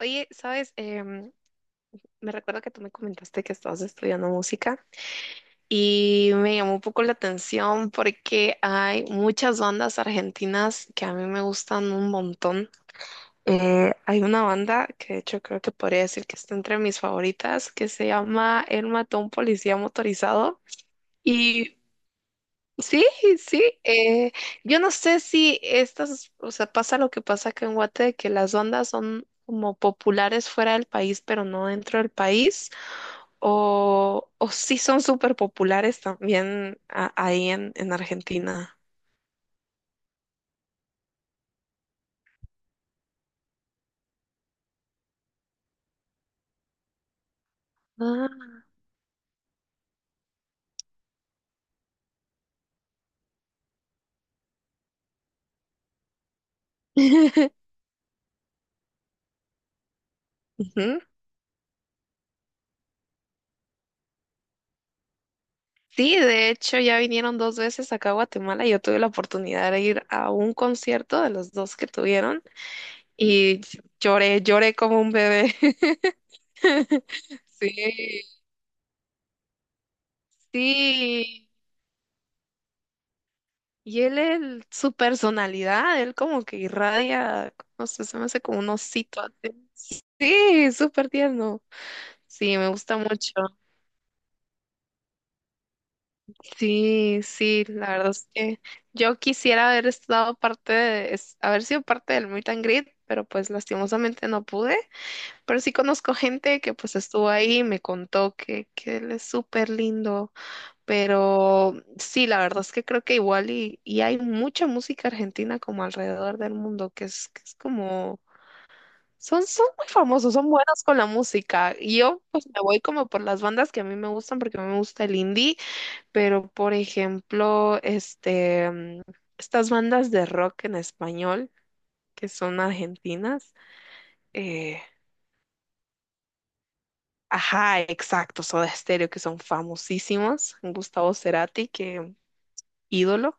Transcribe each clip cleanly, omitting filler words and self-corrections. Oye, sabes, Em, me recuerdo que tú me comentaste que estabas estudiando música y me llamó un poco la atención porque hay muchas bandas argentinas que a mí me gustan un montón. Hay una banda que de hecho creo que podría decir que está entre mis favoritas que se llama El Matón Policía Motorizado y sí, sí. Yo no sé si estas, o sea, pasa lo que pasa acá en Guate, de que las ondas son como populares fuera del país, pero no dentro del país, o sí son súper populares también ahí en Argentina. Ah. Ujú. Sí, de hecho ya vinieron dos veces acá a Guatemala y yo tuve la oportunidad de ir a un concierto de los dos que tuvieron y lloré, lloré como un bebé. Sí, sí. Y él, su personalidad, él como que irradia, no sé, se me hace como un osito. Así. Sí, súper tierno. Sí, me gusta mucho. Sí, sí, la verdad es que yo quisiera haber estado parte de, haber sido parte del Meet and Greet, pero pues lastimosamente no pude. Pero sí conozco gente que pues estuvo ahí y me contó que él es súper lindo. Pero sí, la verdad es que creo que igual y hay mucha música argentina como alrededor del mundo, que es como, son, son muy famosos, son buenos con la música. Y yo pues me voy como por las bandas que a mí me gustan, porque a mí me gusta el indie, pero por ejemplo, este, estas bandas de rock en español, que son argentinas, eh, ajá, exacto, Soda Stereo, que son famosísimos, Gustavo Cerati, que ídolo.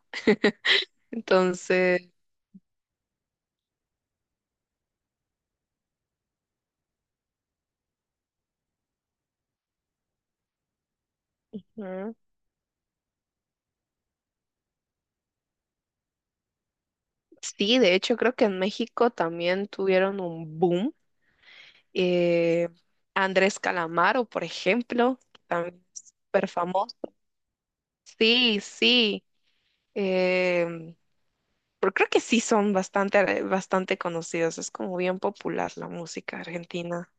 Entonces... Ujú. Sí, de hecho creo que en México también tuvieron un boom. Eh, Andrés Calamaro, por ejemplo, también es súper famoso. Sí, sí. em, pero creo que sí son bastante, bastante conocidos. Es como bien popular la música argentina.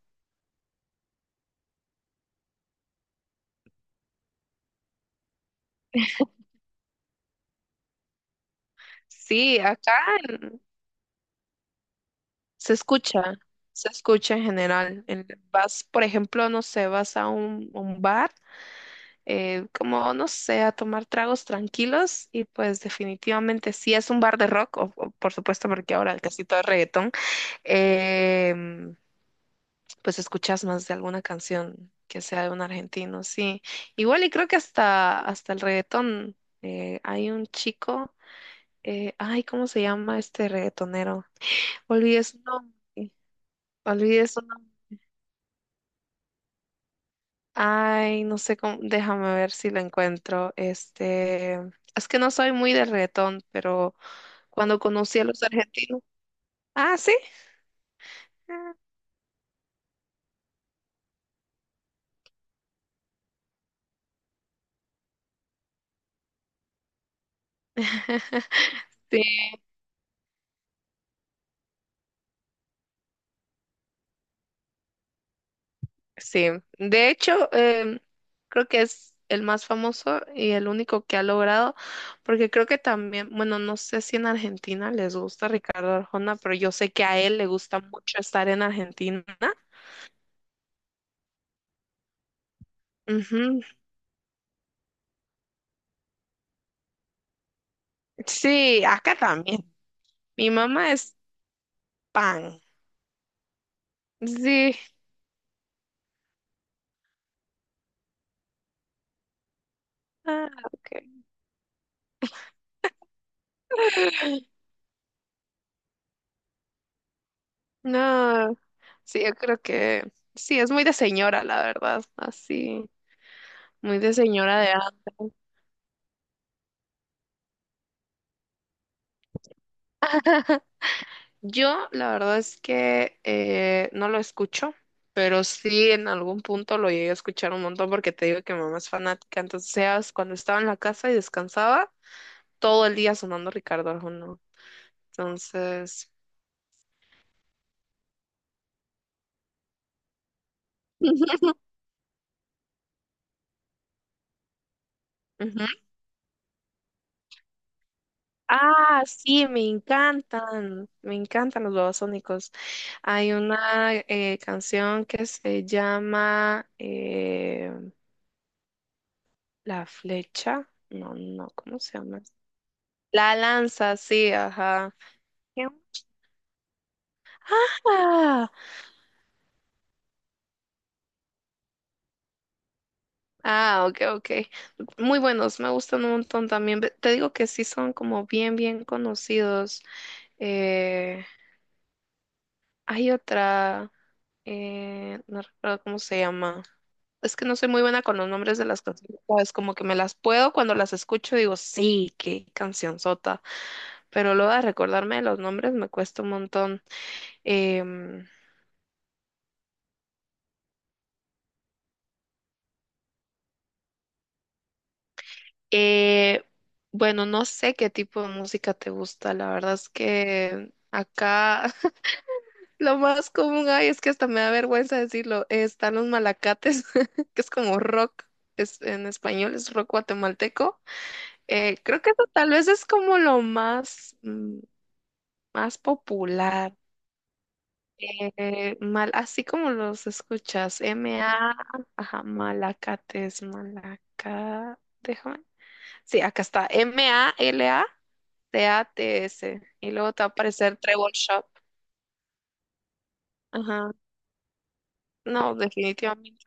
Sí, acá en- se escucha, se escucha en general. Vas, por ejemplo, no sé, vas a un bar. Como, no sé, a tomar tragos tranquilos y pues definitivamente si es un bar de rock, o, por supuesto porque ahora casi todo es reggaetón, em, pues escuchas más de alguna canción que sea de un argentino, sí. Igual y creo que hasta, hasta el reggaetón hay un chico, ay, ¿cómo se llama este reggaetonero? Olvidé su nombre, olvidé su nombre. Ay, no sé cómo, déjame ver si lo encuentro. Este, es que no soy muy de reggaetón, pero cuando conocí a los argentinos. Ah, sí. Ah. Sí, sí. De hecho, creo que es el más famoso y el único que ha logrado, porque creo que también, bueno, no sé si en Argentina les gusta Ricardo Arjona, pero yo sé que a él le gusta mucho estar en Argentina. Ujú. Sí, acá también. Mi mamá es pan. Sí. Ah, ok. No, sí, yo creo que sí, es muy de señora, la verdad, así. Muy de señora de antes. Yo, la verdad es que no lo escucho, pero sí en algún punto lo llegué a escuchar un montón porque te digo que mi mamá es fanática. Entonces, seas cuando estaba en la casa y descansaba, todo el día sonando Ricardo Arjona. Entonces, ujú. Ah, sí, me encantan los babasónicos. Hay una canción que se llama La Flecha. No, no, ¿cómo se llama? La Lanza, sí, ajá. ¡Qué guapa! Ah, ok, ok. Muy buenos, me gustan un montón también. Te digo que sí son como bien, bien conocidos. Eh, Hay otra, no recuerdo cómo se llama. Es que no soy muy buena con los nombres de las canciones, es como que me las puedo cuando las escucho, digo, sí, qué canción cancionzota. Pero luego de recordarme los nombres me cuesta un montón. Em, Eh, bueno, no sé qué tipo de música te gusta. La verdad es que acá lo más común hay es que hasta me da vergüenza decirlo. Están los malacates, que es como rock, es, en español es rock guatemalteco. Creo que eso tal vez es como lo más, más popular. Mal, así como los escuchas, M-A, ajá, malacates, malaca, déjame. Sí, acá está. M-A-L-A-T-A-T-S. Y luego te va a aparecer Trevor Shop. Ajá. No, definitivamente.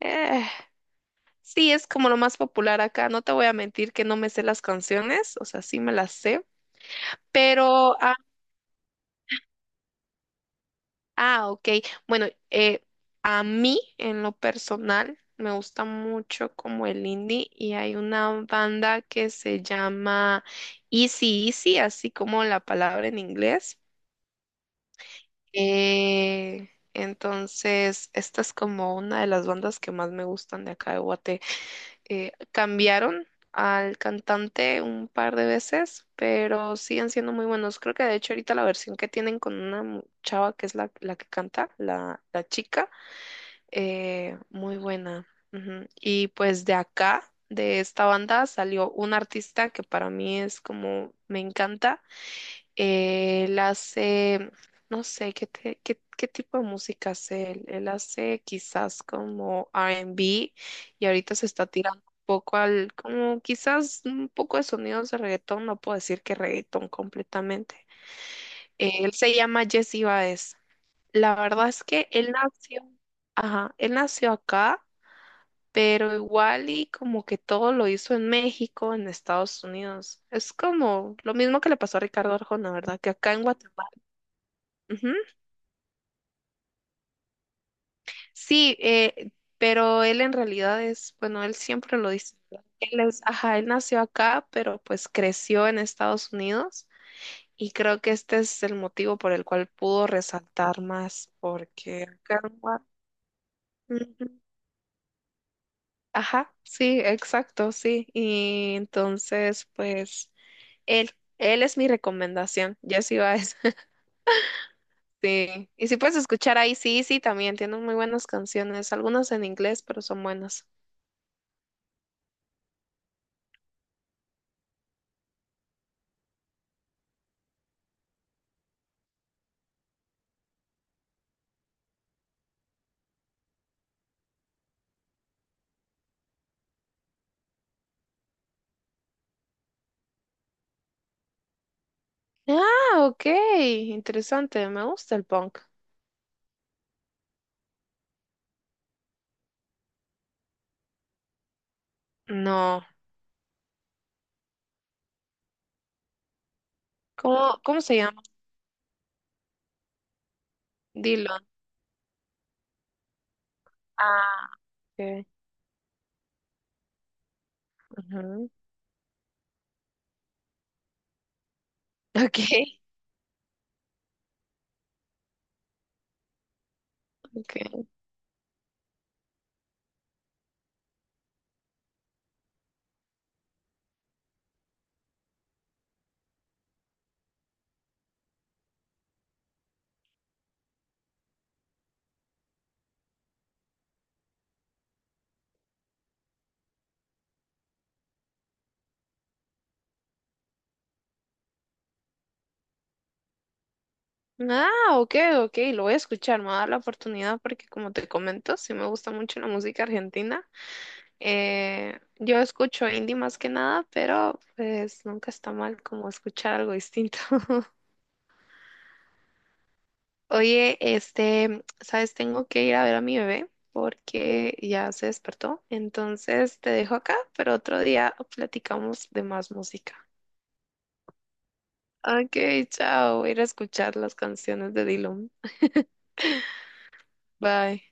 Eh, sí, es como lo más popular acá. No te voy a mentir que no me sé las canciones. O sea, sí me las sé. Pero, ah, ah, ok. Bueno, a mí, en lo personal, me gusta mucho como el indie. Y hay una banda que se llama Easy Easy, así como la palabra en inglés. Eh, entonces, esta es como una de las bandas que más me gustan de acá de Guate. Cambiaron al cantante un par de veces, pero siguen siendo muy buenos. Creo que de hecho ahorita la versión que tienen con una chava que es la, la que canta, la chica, muy buena. Ujú. Y pues de acá, de esta banda, salió un artista que para mí es como, me encanta él hace, no sé, ¿qué, qué, qué tipo de música hace él? Él hace quizás como R&B y ahorita se está tirando un poco al, como quizás un poco de sonidos de reggaetón, no puedo decir que reggaetón completamente. Él se llama Jesse Baez. La verdad es que él nació, ajá, él nació acá, pero igual y como que todo lo hizo en México, en Estados Unidos. Es como lo mismo que le pasó a Ricardo Arjona, ¿verdad? Que acá en Guatemala ujú. Sí, pero él en realidad es, bueno, él siempre lo dice, ¿verdad? Él es, ajá, él nació acá, pero pues creció en Estados Unidos y creo que este es el motivo por el cual pudo resaltar más, porque acá en ujú. Ajá, sí, exacto, sí. Y entonces, pues, él, él es mi recomendación, Jesse Baez. Sí. Y si puedes escuchar ahí, sí, sí, también tiene muy buenas canciones, algunas en inglés, pero son buenas. Ah, ok, interesante, me gusta el punk. No, ¿cómo, cómo se llama? Dylan. Ah, ok. Ujú. Ok, ok. Ah, ok, ok, lo voy a escuchar, me va a dar la oportunidad porque como te comento, sí me gusta mucho la música argentina. Yo escucho indie más que nada, pero pues nunca está mal como escuchar algo distinto. Oye, este, sabes, tengo que ir a ver a mi bebé porque ya se despertó. Entonces te dejo acá, pero otro día platicamos de más música. Ok, chao. Voy a ir a escuchar las canciones de Dylan. Bye.